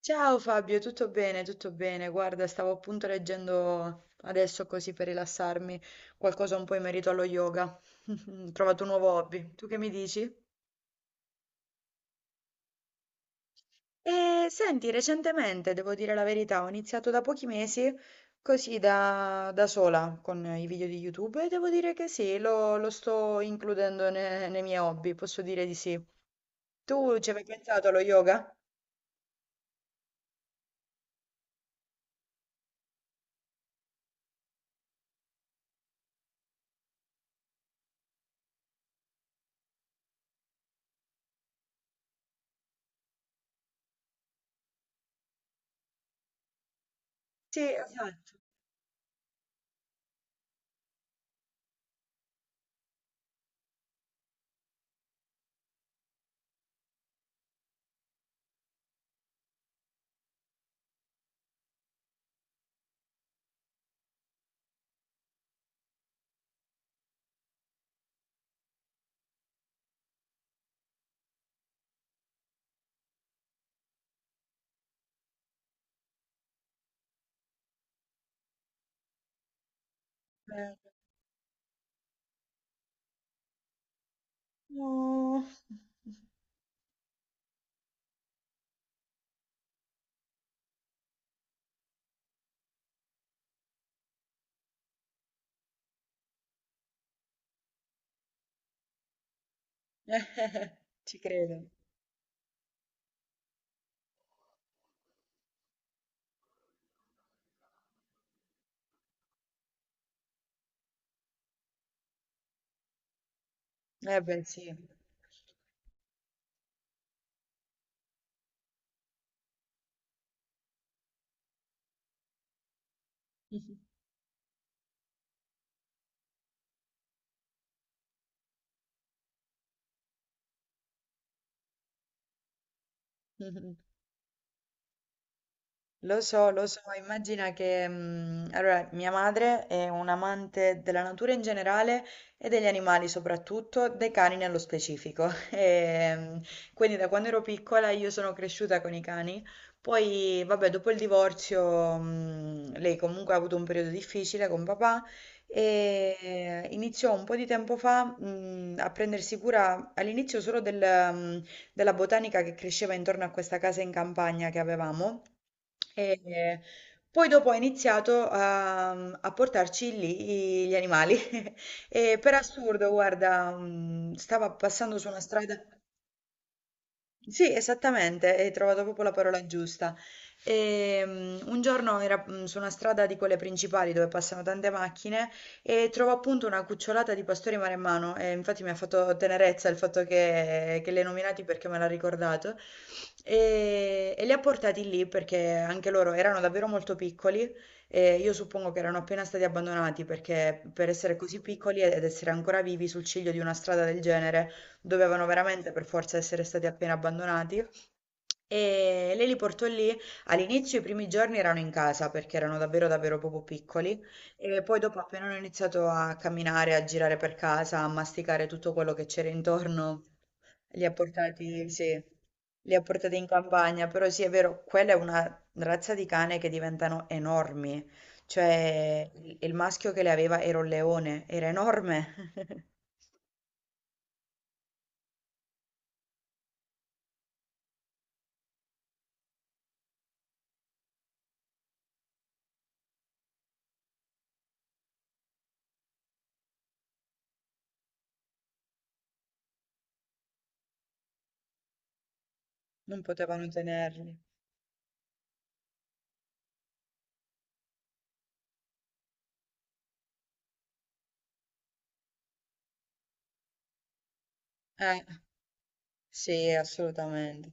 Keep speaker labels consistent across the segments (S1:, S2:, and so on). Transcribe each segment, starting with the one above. S1: Ciao Fabio, tutto bene, tutto bene. Guarda, stavo appunto leggendo adesso così per rilassarmi qualcosa un po' in merito allo yoga. Ho trovato un nuovo hobby. Tu che mi dici? E senti, recentemente, devo dire la verità, ho iniziato da pochi mesi così da sola con i video di YouTube e devo dire che sì, lo sto includendo nei miei hobby, posso dire di sì. Tu ci avevi pensato allo yoga? Sì, esatto. Eh, no. Ci credo. Eh beh, sì. Mh-mh. Mh-mh. Lo so, immagina che allora, mia madre è un'amante della natura in generale e degli animali soprattutto, dei cani nello specifico. E, quindi da quando ero piccola io sono cresciuta con i cani. Poi, vabbè, dopo il divorzio, lei comunque ha avuto un periodo difficile con papà e iniziò un po' di tempo fa, a prendersi cura all'inizio solo del, mm, della botanica che cresceva intorno a questa casa in campagna che avevamo. E poi dopo ha iniziato a portarci lì gli animali. E per assurdo, guarda, stava passando su una strada. Sì, esattamente, hai trovato proprio la parola giusta. Un giorno era su una strada di quelle principali dove passano tante macchine e trovo appunto una cucciolata di pastori maremmano e infatti mi ha fatto tenerezza il fatto che li hai nominati perché me l'ha ricordato e li ha portati lì perché anche loro erano davvero molto piccoli e io suppongo che erano appena stati abbandonati perché per essere così piccoli ed essere ancora vivi sul ciglio di una strada del genere dovevano veramente per forza essere stati appena abbandonati. E lei li portò lì. All'inizio, i primi giorni erano in casa perché erano davvero, davvero proprio piccoli. E poi, dopo, appena hanno iniziato a camminare, a girare per casa, a masticare tutto quello che c'era intorno, li ha portati, sì, li ha portati in campagna. Però, sì, è vero, quella è una razza di cane che diventano enormi. Cioè, il maschio che le aveva era un leone, era enorme, non potevano tenerli. Eh, Sì, assolutamente.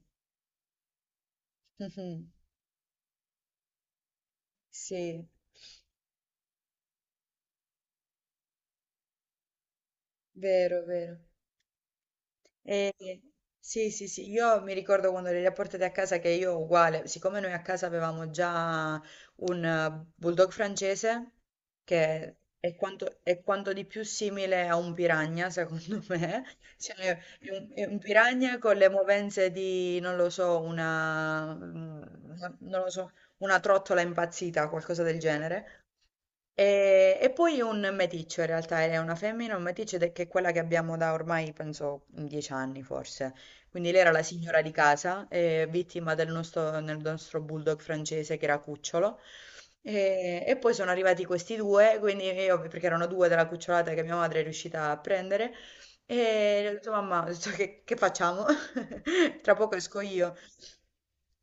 S1: Mh-mh. Sì, vero, vero. E sì, sì, sì, io mi ricordo quando le li ha portate a casa che io uguale, siccome noi a casa avevamo già un bulldog francese, che è quanto, di più simile a un piranha, secondo me, cioè è un piranha con le movenze di, non lo so, non lo so, una trottola impazzita, qualcosa del genere. E poi un meticcio in realtà, è una femmina, un meticcio ed è che è quella che abbiamo da ormai, penso, 10 anni forse. Quindi lei era la signora di casa, vittima del nostro bulldog francese che era cucciolo. E poi sono arrivati questi due, quindi io, perché erano due della cucciolata che mia madre è riuscita a prendere, e ho detto, mamma, ho detto, che facciamo? Tra poco esco io.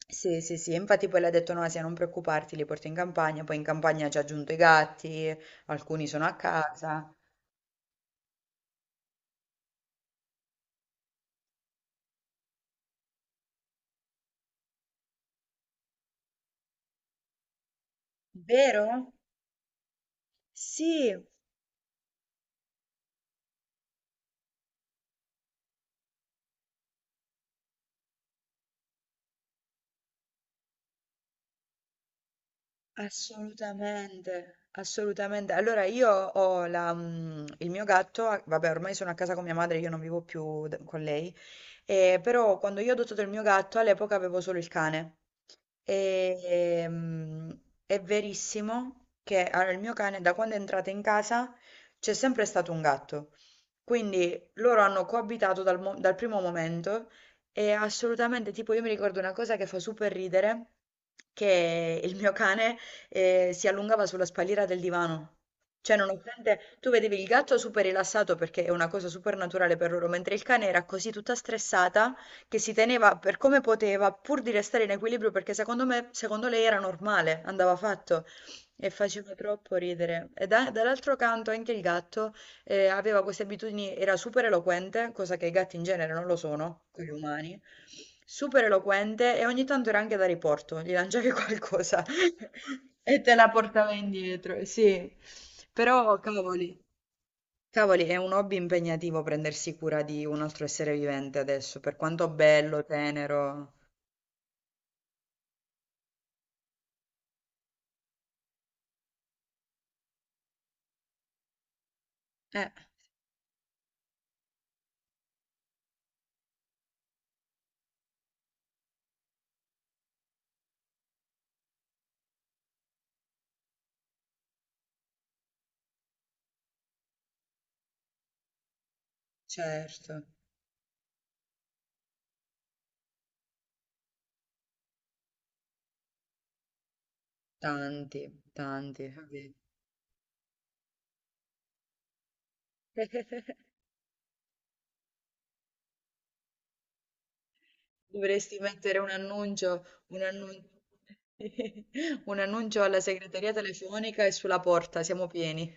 S1: Sì, sì, sì, e infatti poi le ha detto Nasia non preoccuparti, li porto in campagna, poi in campagna ci ha aggiunto i gatti, alcuni sono a casa. Vero? Sì, assolutamente, assolutamente. Allora io ho il mio gatto, vabbè ormai sono a casa con mia madre, io non vivo più con lei, però quando io ho adottato il mio gatto all'epoca avevo solo il cane. E, ehm, è verissimo che allora, il mio cane, da quando è entrato in casa, c'è sempre stato un gatto. Quindi loro hanno coabitato dal primo momento e assolutamente, tipo, io mi ricordo una cosa che fa super ridere, che il mio cane si allungava sulla spalliera del divano. Cioè, nonostante tu vedevi il gatto super rilassato perché è una cosa super naturale per loro, mentre il cane era così tutta stressata che si teneva per come poteva, pur di restare in equilibrio, perché secondo me, secondo lei era normale, andava fatto e faceva troppo ridere. E dall'altro canto anche il gatto aveva queste abitudini, era super eloquente, cosa che i gatti in genere non lo sono, quelli umani. Super eloquente e ogni tanto era anche da riporto, gli lanciavi qualcosa e te la portava indietro, sì. Però, cavoli. Cavoli, è un hobby impegnativo prendersi cura di un altro essere vivente adesso, per quanto bello, tenero. Eh, certo, tanti, tanti. Vabbè. Dovresti mettere un annuncio, un annuncio alla segreteria telefonica e sulla porta, siamo pieni.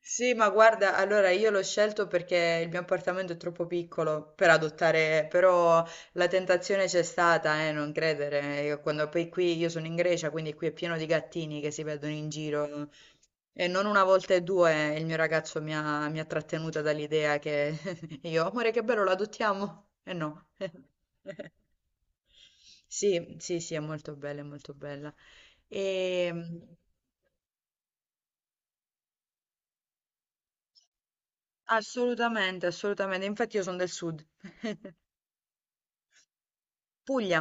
S1: Sì, ma guarda, allora io l'ho scelto perché il mio appartamento è troppo piccolo per adottare, però la tentazione c'è stata, non credere. Io Quando poi qui io sono in Grecia, quindi qui è pieno di gattini che si vedono in giro e non una volta e due il mio ragazzo mi ha trattenuta dall'idea che io, amore, che bello, lo adottiamo? E no. Sì, sì, sì, è molto bella, è molto bella. E, assolutamente, assolutamente. Infatti io sono del sud. Puglia.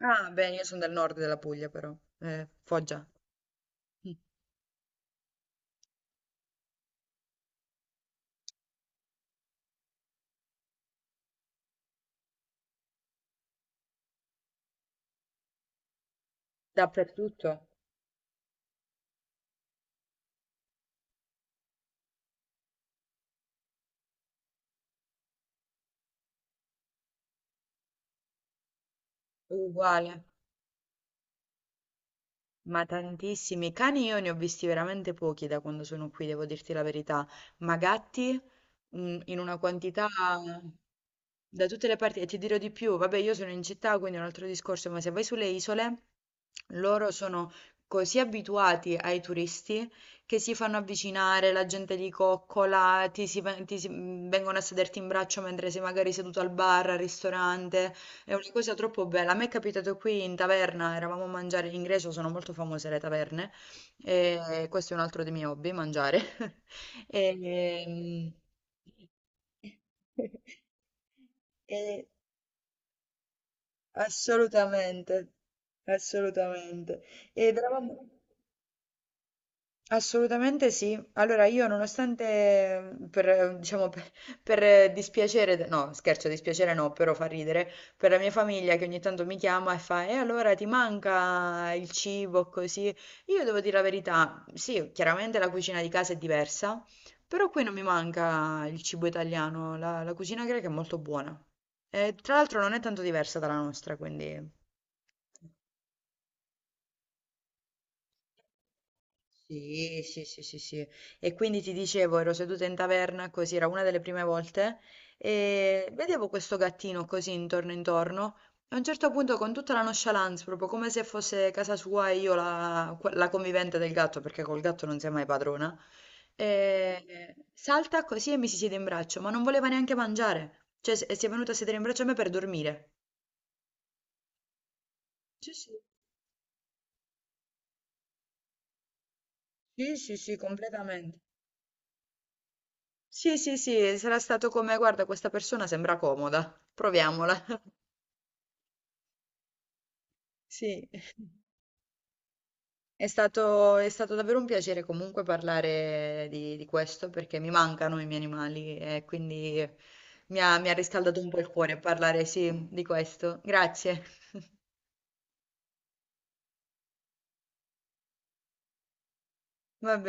S1: Ah, beh, io sono del nord della Puglia però, Foggia. Mh. Dappertutto, uguale. Ma tantissimi cani io ne ho visti veramente pochi da quando sono qui, devo dirti la verità, ma gatti in una quantità da tutte le parti e ti dirò di più, vabbè io sono in città quindi è un altro discorso, ma se vai sulle isole loro sono così abituati ai turisti che si fanno avvicinare, la gente li coccola, vengono a sederti in braccio mentre sei magari seduto al bar, al ristorante. È una cosa troppo bella. A me è capitato qui in taverna, eravamo a mangiare in Grecia, sono molto famose le taverne, e questo è un altro dei miei hobby, mangiare. E, ehm, e- assolutamente, assolutamente. Ed eravamo... Assolutamente sì. Allora io nonostante per, diciamo, per dispiacere, no scherzo, dispiacere no, però fa ridere, per la mia famiglia che ogni tanto mi chiama e fa, e allora ti manca il cibo così? Io devo dire la verità, sì, chiaramente la cucina di casa è diversa, però qui non mi manca il cibo italiano, la cucina greca è molto buona. E, tra l'altro non è tanto diversa dalla nostra, quindi... Sì, sì, sì, sì, sì. E quindi ti dicevo, ero seduta in taverna, così era una delle prime volte, e vedevo questo gattino così intorno intorno. E a un certo punto, con tutta la nonchalance, proprio come se fosse casa sua e io la convivente del gatto, perché col gatto non sei mai padrona, salta così e mi si siede in braccio, ma non voleva neanche mangiare. Cioè, si è venuta a sedere in braccio a me per dormire. Sì, sì. Sì, sì, sì, completamente. Sì, sì, sì, sarà stato come, guarda, questa persona sembra comoda, proviamola. Sì, è stato davvero un piacere comunque parlare di questo perché mi mancano i miei animali e quindi mi ha riscaldato un po' il cuore parlare, sì, di questo. Grazie. Va